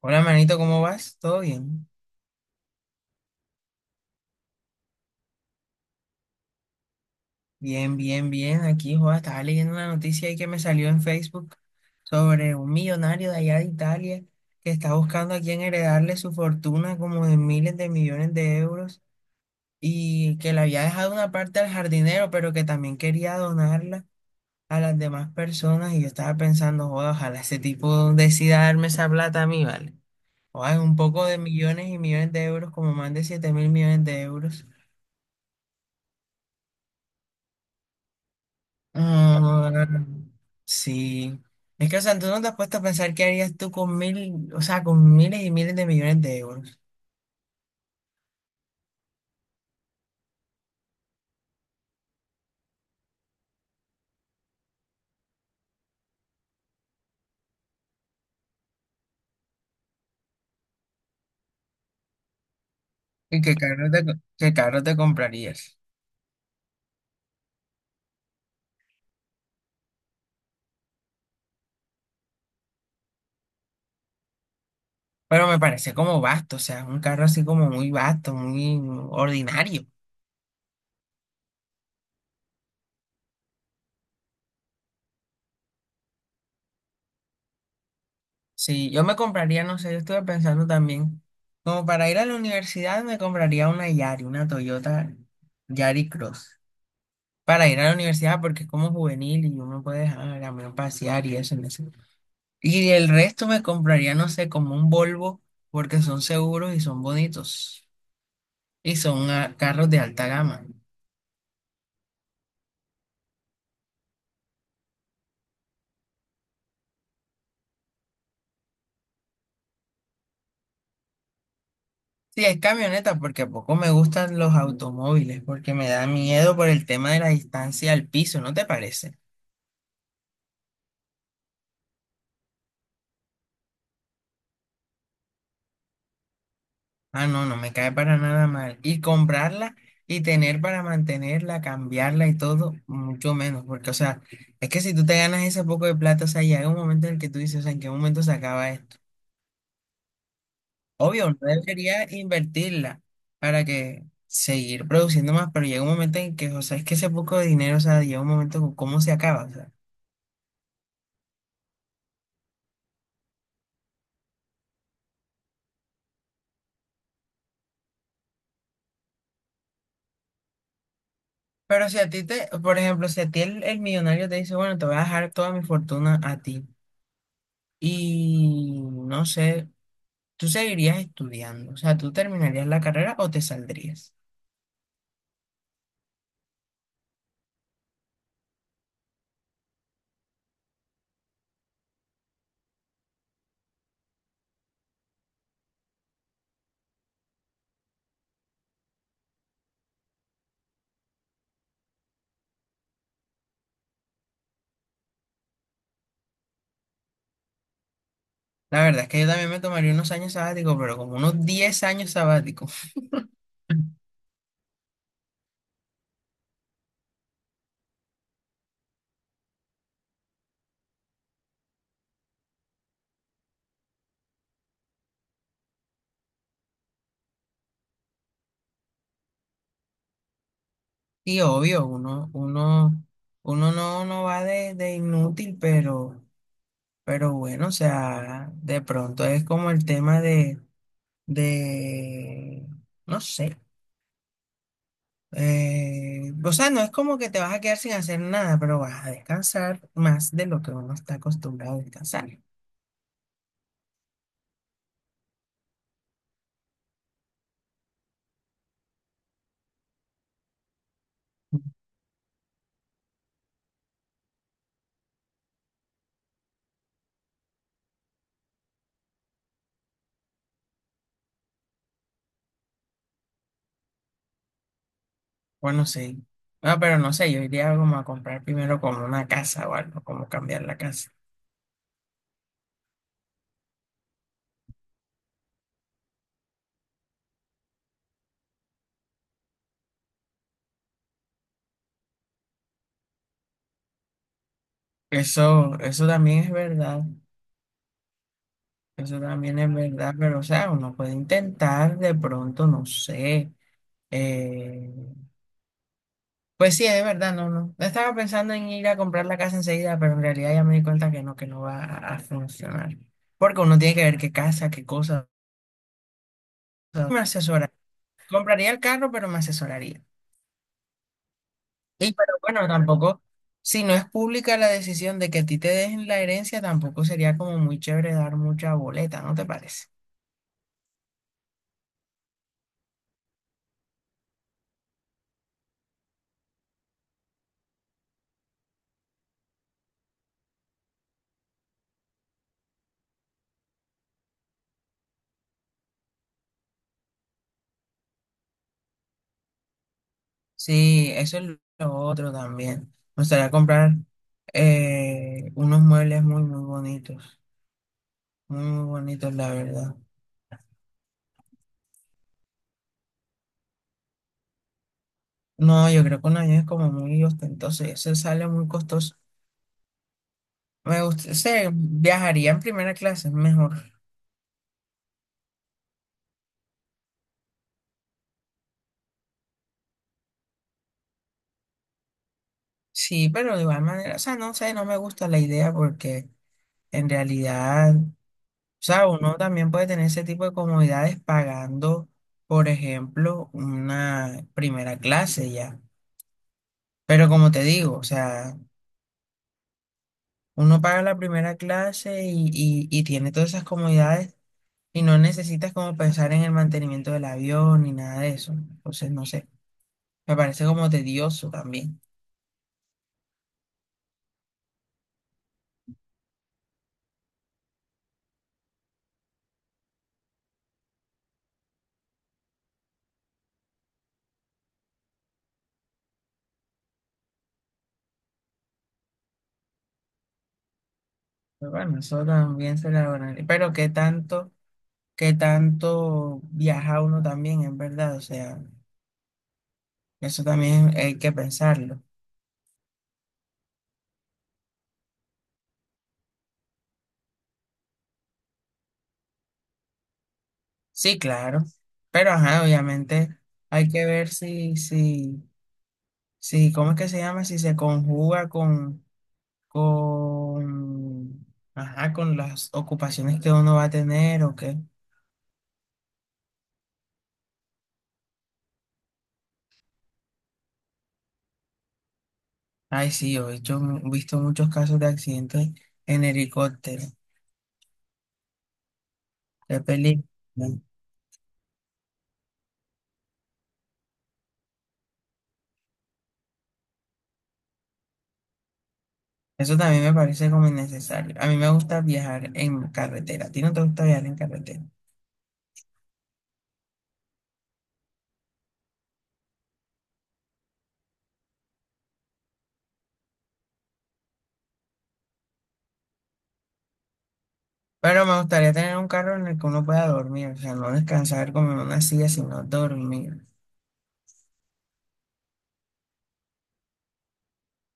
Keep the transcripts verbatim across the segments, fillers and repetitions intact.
Hola, manito, ¿cómo vas? ¿Todo bien? Bien, bien, bien. Aquí, joda, estaba leyendo una noticia ahí que me salió en Facebook sobre un millonario de allá de Italia que está buscando a quien heredarle su fortuna como de miles de millones de euros y que le había dejado una parte al jardinero, pero que también quería donarla a las demás personas. Y yo estaba pensando, joda, ojalá ese tipo decida darme esa plata a mí, ¿vale? Joda, es un poco de millones y millones de euros, como más de siete mil millones de euros. Ah, sí. Es que, o sea, tú no te has puesto a pensar qué harías tú con mil, o sea, con miles y miles de millones de euros. Y qué carro te, co- qué carro te comprarías. Pero me parece como vasto, o sea, un carro así como muy vasto, muy ordinario. Sí, yo me compraría, no sé, yo estuve pensando también, como para ir a la universidad me compraría una Yari, una Toyota Yari Cross, para ir a la universidad porque es como juvenil y uno puede dejar a la camión pasear y eso. Y el resto me compraría, no sé, como un Volvo, porque son seguros y son bonitos. Y son ah, carros de alta gama. Sí, es camioneta, porque poco me gustan los automóviles, porque me da miedo por el tema de la distancia al piso, ¿no te parece? Ah, no, no me cae para nada mal. Y comprarla y tener para mantenerla, cambiarla y todo, mucho menos, porque, o sea, es que si tú te ganas ese poco de plata, o sea, llega un momento en el que tú dices, o sea, ¿en qué momento se acaba esto? Obvio, uno debería invertirla para que seguir produciendo más, pero llega un momento en que, o sea, es que ese poco de dinero, o sea, llega un momento con cómo se acaba, o sea. Pero si a ti te, por ejemplo, si a ti el, el millonario te dice, bueno, te voy a dejar toda mi fortuna a ti y no sé, tú seguirías estudiando, o sea, tú terminarías la carrera o te saldrías. La verdad es que yo también me tomaría unos años sabáticos, pero como unos diez años sabáticos. Sí, obvio, uno, uno, uno no, no va de, de inútil, pero... Pero bueno, o sea, de pronto es como el tema de, de, no sé, eh, o sea, no es como que te vas a quedar sin hacer nada, pero vas a descansar más de lo que uno está acostumbrado a descansar. Bueno, sí. Ah, pero no sé, yo iría como a comprar primero como una casa o algo, como cambiar la casa. Eso, eso también es verdad, eso también es verdad, pero o sea, uno puede intentar de pronto, no sé. eh, Pues sí, es verdad, no, no. No estaba pensando en ir a comprar la casa enseguida, pero en realidad ya me di cuenta que no, que no va a, a funcionar. Porque uno tiene que ver qué casa, qué cosa. Me asesora. Compraría el carro, pero me asesoraría. Y pero bueno, tampoco, si no es pública la decisión de que a ti te dejen la herencia, tampoco sería como muy chévere dar mucha boleta, ¿no te parece? Sí, eso es lo otro también. Me gustaría comprar eh, unos muebles muy, muy bonitos. Muy, muy bonitos, la verdad. No, yo creo que un avión es como muy ostentoso y eso sale muy costoso. Me gusta, se viajaría en primera clase, mejor. Sí, pero de igual manera, o sea, no sé, no me gusta la idea porque en realidad, o sea, uno también puede tener ese tipo de comodidades pagando, por ejemplo, una primera clase ya. Pero como te digo, o sea, uno paga la primera clase y, y, y tiene todas esas comodidades. Y no necesitas como pensar en el mantenimiento del avión ni nada de eso. Entonces, no sé, me parece como tedioso también. Pero bueno, eso también se la van a- Pero qué tanto, qué tanto viaja uno también, en verdad. O sea, eso también hay que pensarlo. Sí, claro. Pero ajá, obviamente hay que ver si, si, si, ¿cómo es que se llama? Si se conjuga con, con, ajá, con las ocupaciones que uno va a tener o qué. Ay, sí, yo he hecho- he visto muchos casos de accidentes en helicóptero, de película. Eso también me parece como innecesario. A mí me gusta viajar en carretera. A ti no te gusta viajar en carretera. Pero me gustaría tener un carro en el que uno pueda dormir, o sea, no descansar como en una silla, sino dormir.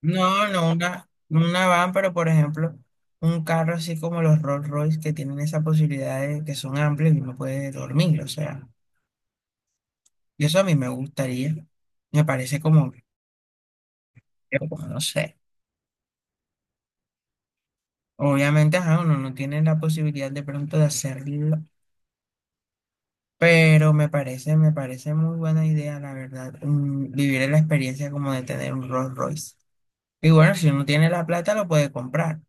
No, no una, no una van, pero por ejemplo, un carro así como los Rolls Royce que tienen esa posibilidad de que son amplios y uno puede dormir, o sea, y eso a mí me gustaría. Me parece como, como no sé. Obviamente, ajá, uno no tiene la posibilidad de pronto de hacerlo, pero me parece, me parece muy buena idea, la verdad, mm, vivir la experiencia como de tener un Rolls Royce. Y bueno, si uno tiene la plata, lo puede comprar.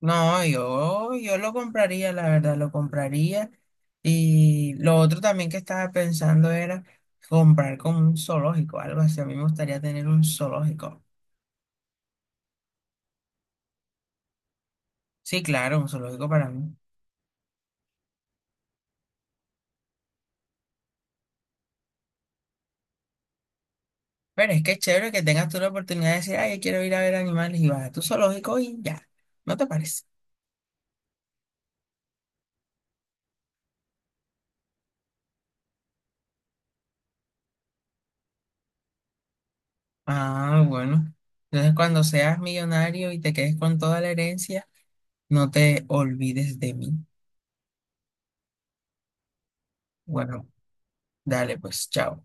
No, yo, yo lo compraría, la verdad, lo compraría. Y lo otro también que estaba pensando era comprar con un zoológico, algo así. A mí me gustaría tener un zoológico. Sí, claro, un zoológico para mí. Pero es que es chévere que tengas tú la oportunidad de decir, ay, yo quiero ir a ver animales y vas a tu zoológico y ya. ¿No te parece? Ah, bueno. Entonces, cuando seas millonario y te quedes con toda la herencia, no te olvides de mí. Bueno, dale, pues, chao.